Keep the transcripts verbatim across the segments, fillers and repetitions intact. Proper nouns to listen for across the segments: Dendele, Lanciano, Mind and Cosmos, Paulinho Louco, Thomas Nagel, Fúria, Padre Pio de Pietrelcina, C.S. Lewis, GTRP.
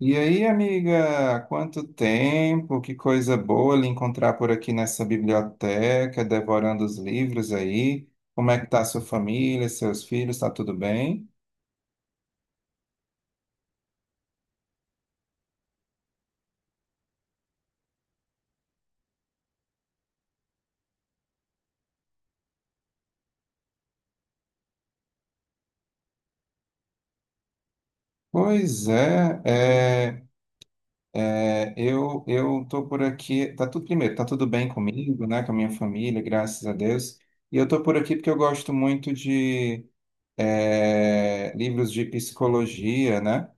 E aí, amiga, quanto tempo, que coisa boa lhe encontrar por aqui nessa biblioteca, devorando os livros aí. Como é que tá a sua família, seus filhos, tá tudo bem? Pois é, é, é, eu eu tô por aqui, tá tudo primeiro, tá tudo bem comigo, né, com a minha família, graças a Deus. E eu tô por aqui porque eu gosto muito de é, livros de psicologia, né?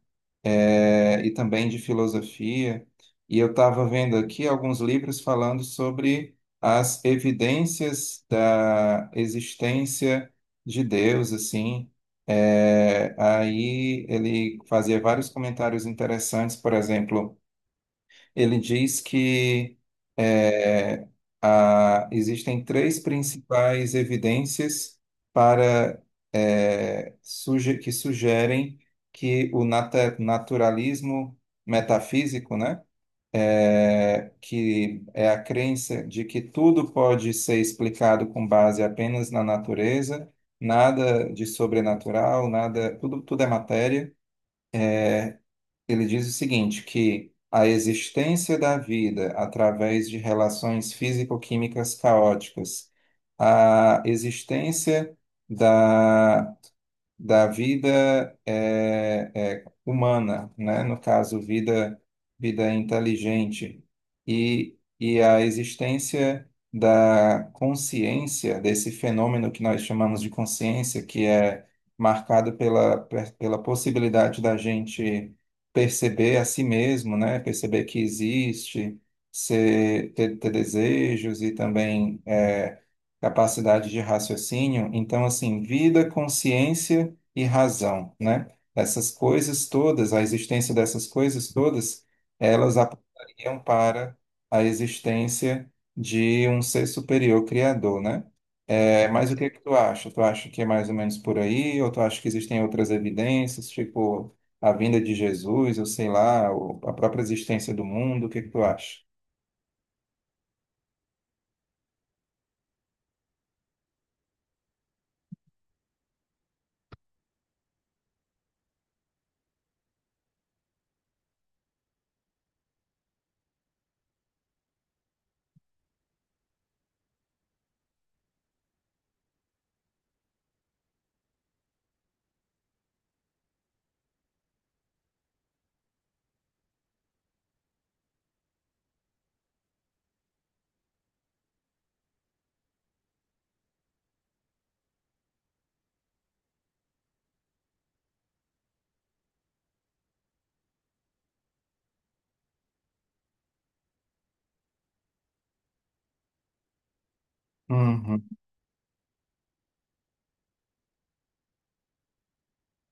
é, E também de filosofia. E eu estava vendo aqui alguns livros falando sobre as evidências da existência de Deus, assim. É, aí ele fazia vários comentários interessantes, por exemplo. Ele diz que é, a- existem três principais evidências para é, suge- que sugerem que o nata- naturalismo metafísico, né, é, que é a crença de que tudo pode ser explicado com base apenas na natureza, nada de sobrenatural, nada, tudo, tudo é matéria. Ele diz o seguinte, que a existência da vida através de relações físico-químicas caóticas, a existência da da vida é, é, humana, né? No caso, vida, vida inteligente, e, e a existência da consciência, desse fenômeno que nós chamamos de consciência, que é marcado pela, pe- pela possibilidade da gente perceber a si mesmo, né? Perceber que existe, ser, ter, ter desejos e também. É, capacidade de raciocínio. Então, assim, vida, consciência e razão, né? Essas coisas todas, a existência dessas coisas todas, elas apontariam para a existência de um ser superior criador, né? É, mas o que que tu acha? Tu acha que é mais ou menos por aí, ou tu acha que existem outras evidências, tipo a vinda de Jesus, ou sei lá, ou a própria existência do mundo? O que que tu acha?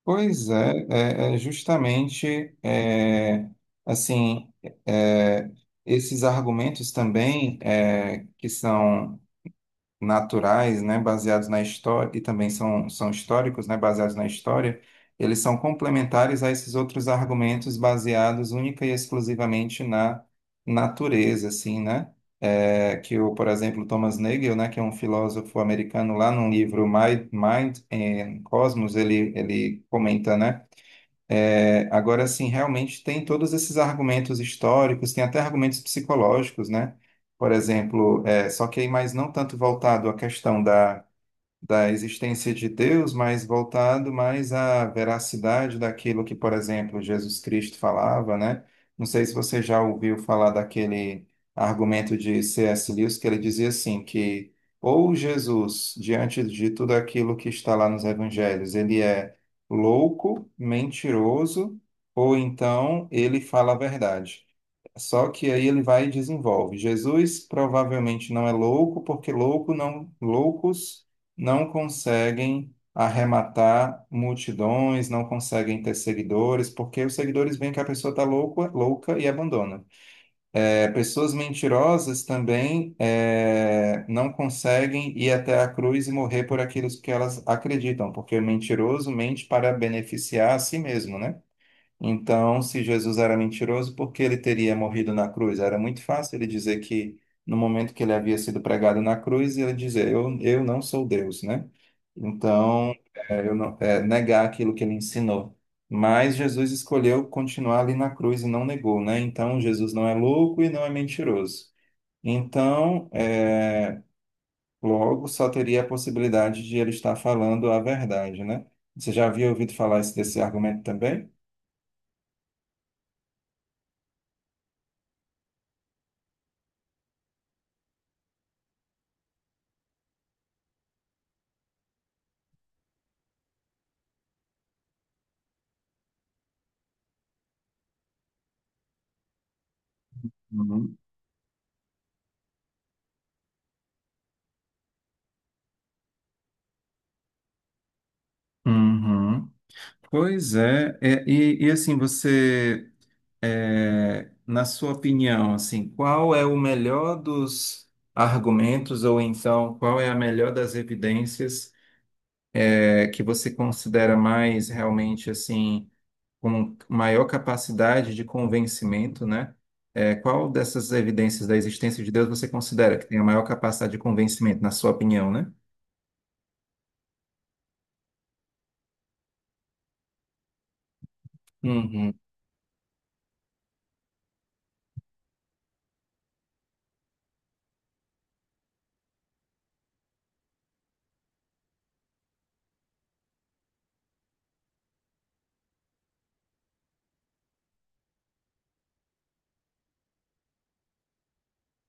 Pois é, é, é justamente é, assim é, Esses argumentos também é, que são naturais, né, baseados na história e também são, são históricos, né, baseados na história, eles são complementares a esses outros argumentos baseados única e exclusivamente na natureza, assim, né? É, que o, por exemplo, Thomas Nagel, né, que é um filósofo americano, lá num livro Mind, Mind and Cosmos, ele, ele comenta, né? É, agora, assim, realmente tem todos esses argumentos históricos, tem até argumentos psicológicos, né? Por exemplo, é, só que aí mais não tanto voltado à questão da da existência de Deus, mas voltado mais à veracidade daquilo que, por exemplo, Jesus Cristo falava, né? Não sei se você já ouviu falar daquele argumento de C S. Lewis, que ele dizia assim, que ou Jesus, diante de tudo aquilo que está lá nos evangelhos, ele é louco, mentiroso, ou então ele fala a verdade. Só que aí ele vai e desenvolve. Jesus provavelmente não é louco, porque louco não, loucos não conseguem arrematar multidões, não conseguem ter seguidores, porque os seguidores veem que a pessoa está louca, louca e abandona. É, pessoas mentirosas também é, não conseguem ir até a cruz e morrer por aquilo que elas acreditam, porque o mentiroso mente para beneficiar a si mesmo, né? Então, se Jesus era mentiroso, por que ele teria morrido na cruz? Era muito fácil ele dizer que no momento que ele havia sido pregado na cruz, ele dizer, eu, eu não sou Deus, né? Então, é, eu não- é, negar aquilo que ele ensinou. Mas Jesus escolheu continuar ali na cruz e não negou, né? Então, Jesus não é louco e não é mentiroso. Então, é, logo só teria a possibilidade de ele estar falando a verdade, né? Você já havia ouvido falar esse- desse argumento também? Uhum. Pois é, é, e, e assim, você, é, na sua opinião, assim, qual é o melhor dos argumentos, ou então qual é a melhor das evidências, é, que você considera mais realmente, assim, com maior capacidade de convencimento, né? É, qual dessas evidências da existência de Deus você considera que tem a maior capacidade de convencimento, na sua opinião, né? Uhum.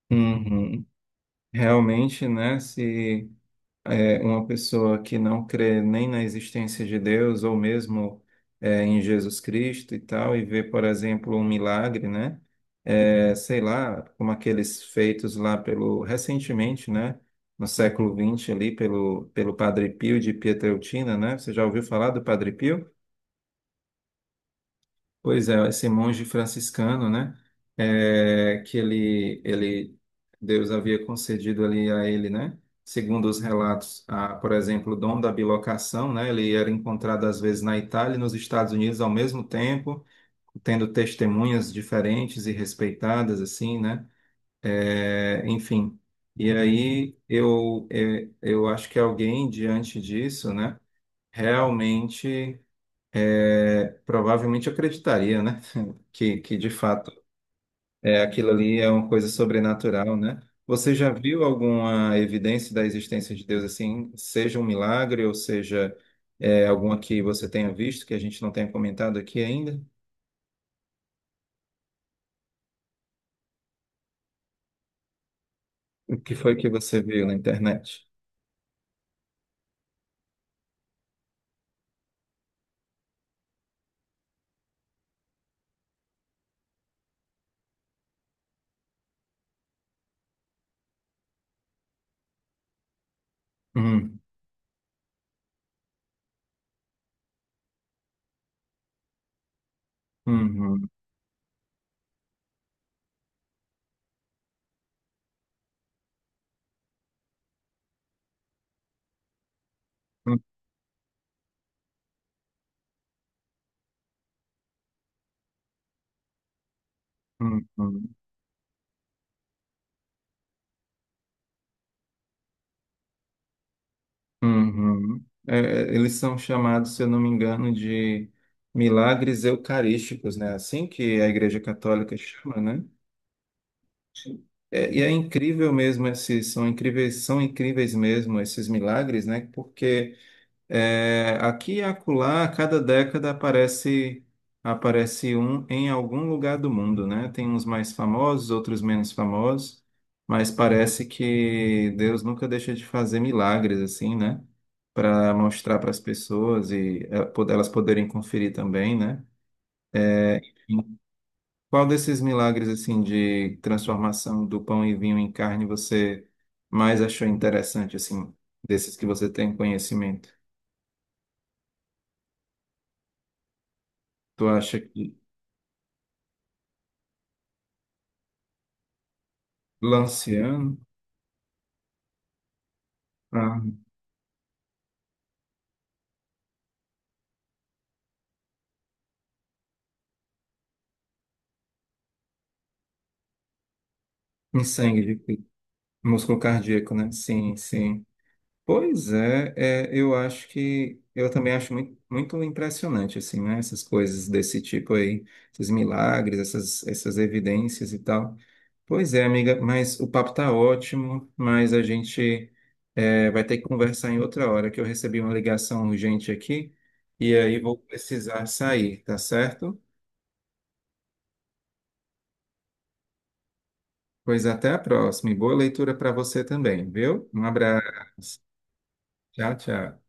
Uhum. Realmente, né? Se é, uma pessoa que não crê nem na existência de Deus ou mesmo é, em Jesus Cristo e tal, e vê, por exemplo, um milagre, né? É, sei lá, como aqueles feitos lá pelo recentemente, né? No século vinte ali pelo pelo Padre Pio de Pietrelcina, né? Você já ouviu falar do Padre Pio? Pois é, esse monge franciscano, né? é, que ele, ele, Deus havia concedido ali a ele, né? Segundo os relatos, a, por exemplo, o dom da bilocação, né? Ele era encontrado às vezes na Itália e nos Estados Unidos ao mesmo tempo, tendo testemunhas diferentes e respeitadas, assim, né? É, enfim. E aí eu, é, eu acho que alguém diante disso, né? Realmente, é, provavelmente acreditaria, né? que, que de fato é aquilo ali é uma coisa sobrenatural, né? Você já viu alguma evidência da existência de Deus assim, seja um milagre ou seja é, alguma que você tenha visto que a gente não tenha comentado aqui ainda? O que foi que você viu na internet? Hum. Uhum. Uhum. Uhum. Uhum. É, é, eles são chamados, se eu não me engano, de milagres eucarísticos, né? Assim que a Igreja Católica chama, né? É, e é incrível mesmo esses, são incríveis, são incríveis mesmo esses milagres, né? Porque é, aqui e acolá, a cada década aparece aparece um em algum lugar do mundo, né? Tem uns mais famosos, outros menos famosos, mas parece que Deus nunca deixa de fazer milagres assim, né? Para mostrar para as pessoas e eh, pod- elas poderem conferir também, né? Qual desses milagres assim de transformação do pão e vinho em carne você mais achou interessante assim, desses que você tem conhecimento? Tu acha que Lanciano, ah, em sangue de Cristo, músculo cardíaco, né? Sim, sim. Pois é, é, eu acho que eu também acho muito, muito impressionante assim, né? Essas coisas desse tipo aí, esses milagres, essas, essas evidências e tal. Pois é, amiga, mas o papo tá ótimo, mas a gente é, vai ter que conversar em outra hora, que eu recebi uma ligação urgente aqui e aí vou precisar sair, tá certo? Pois até a próxima e boa leitura para você também, viu? Um abraço. Tchau, tchau.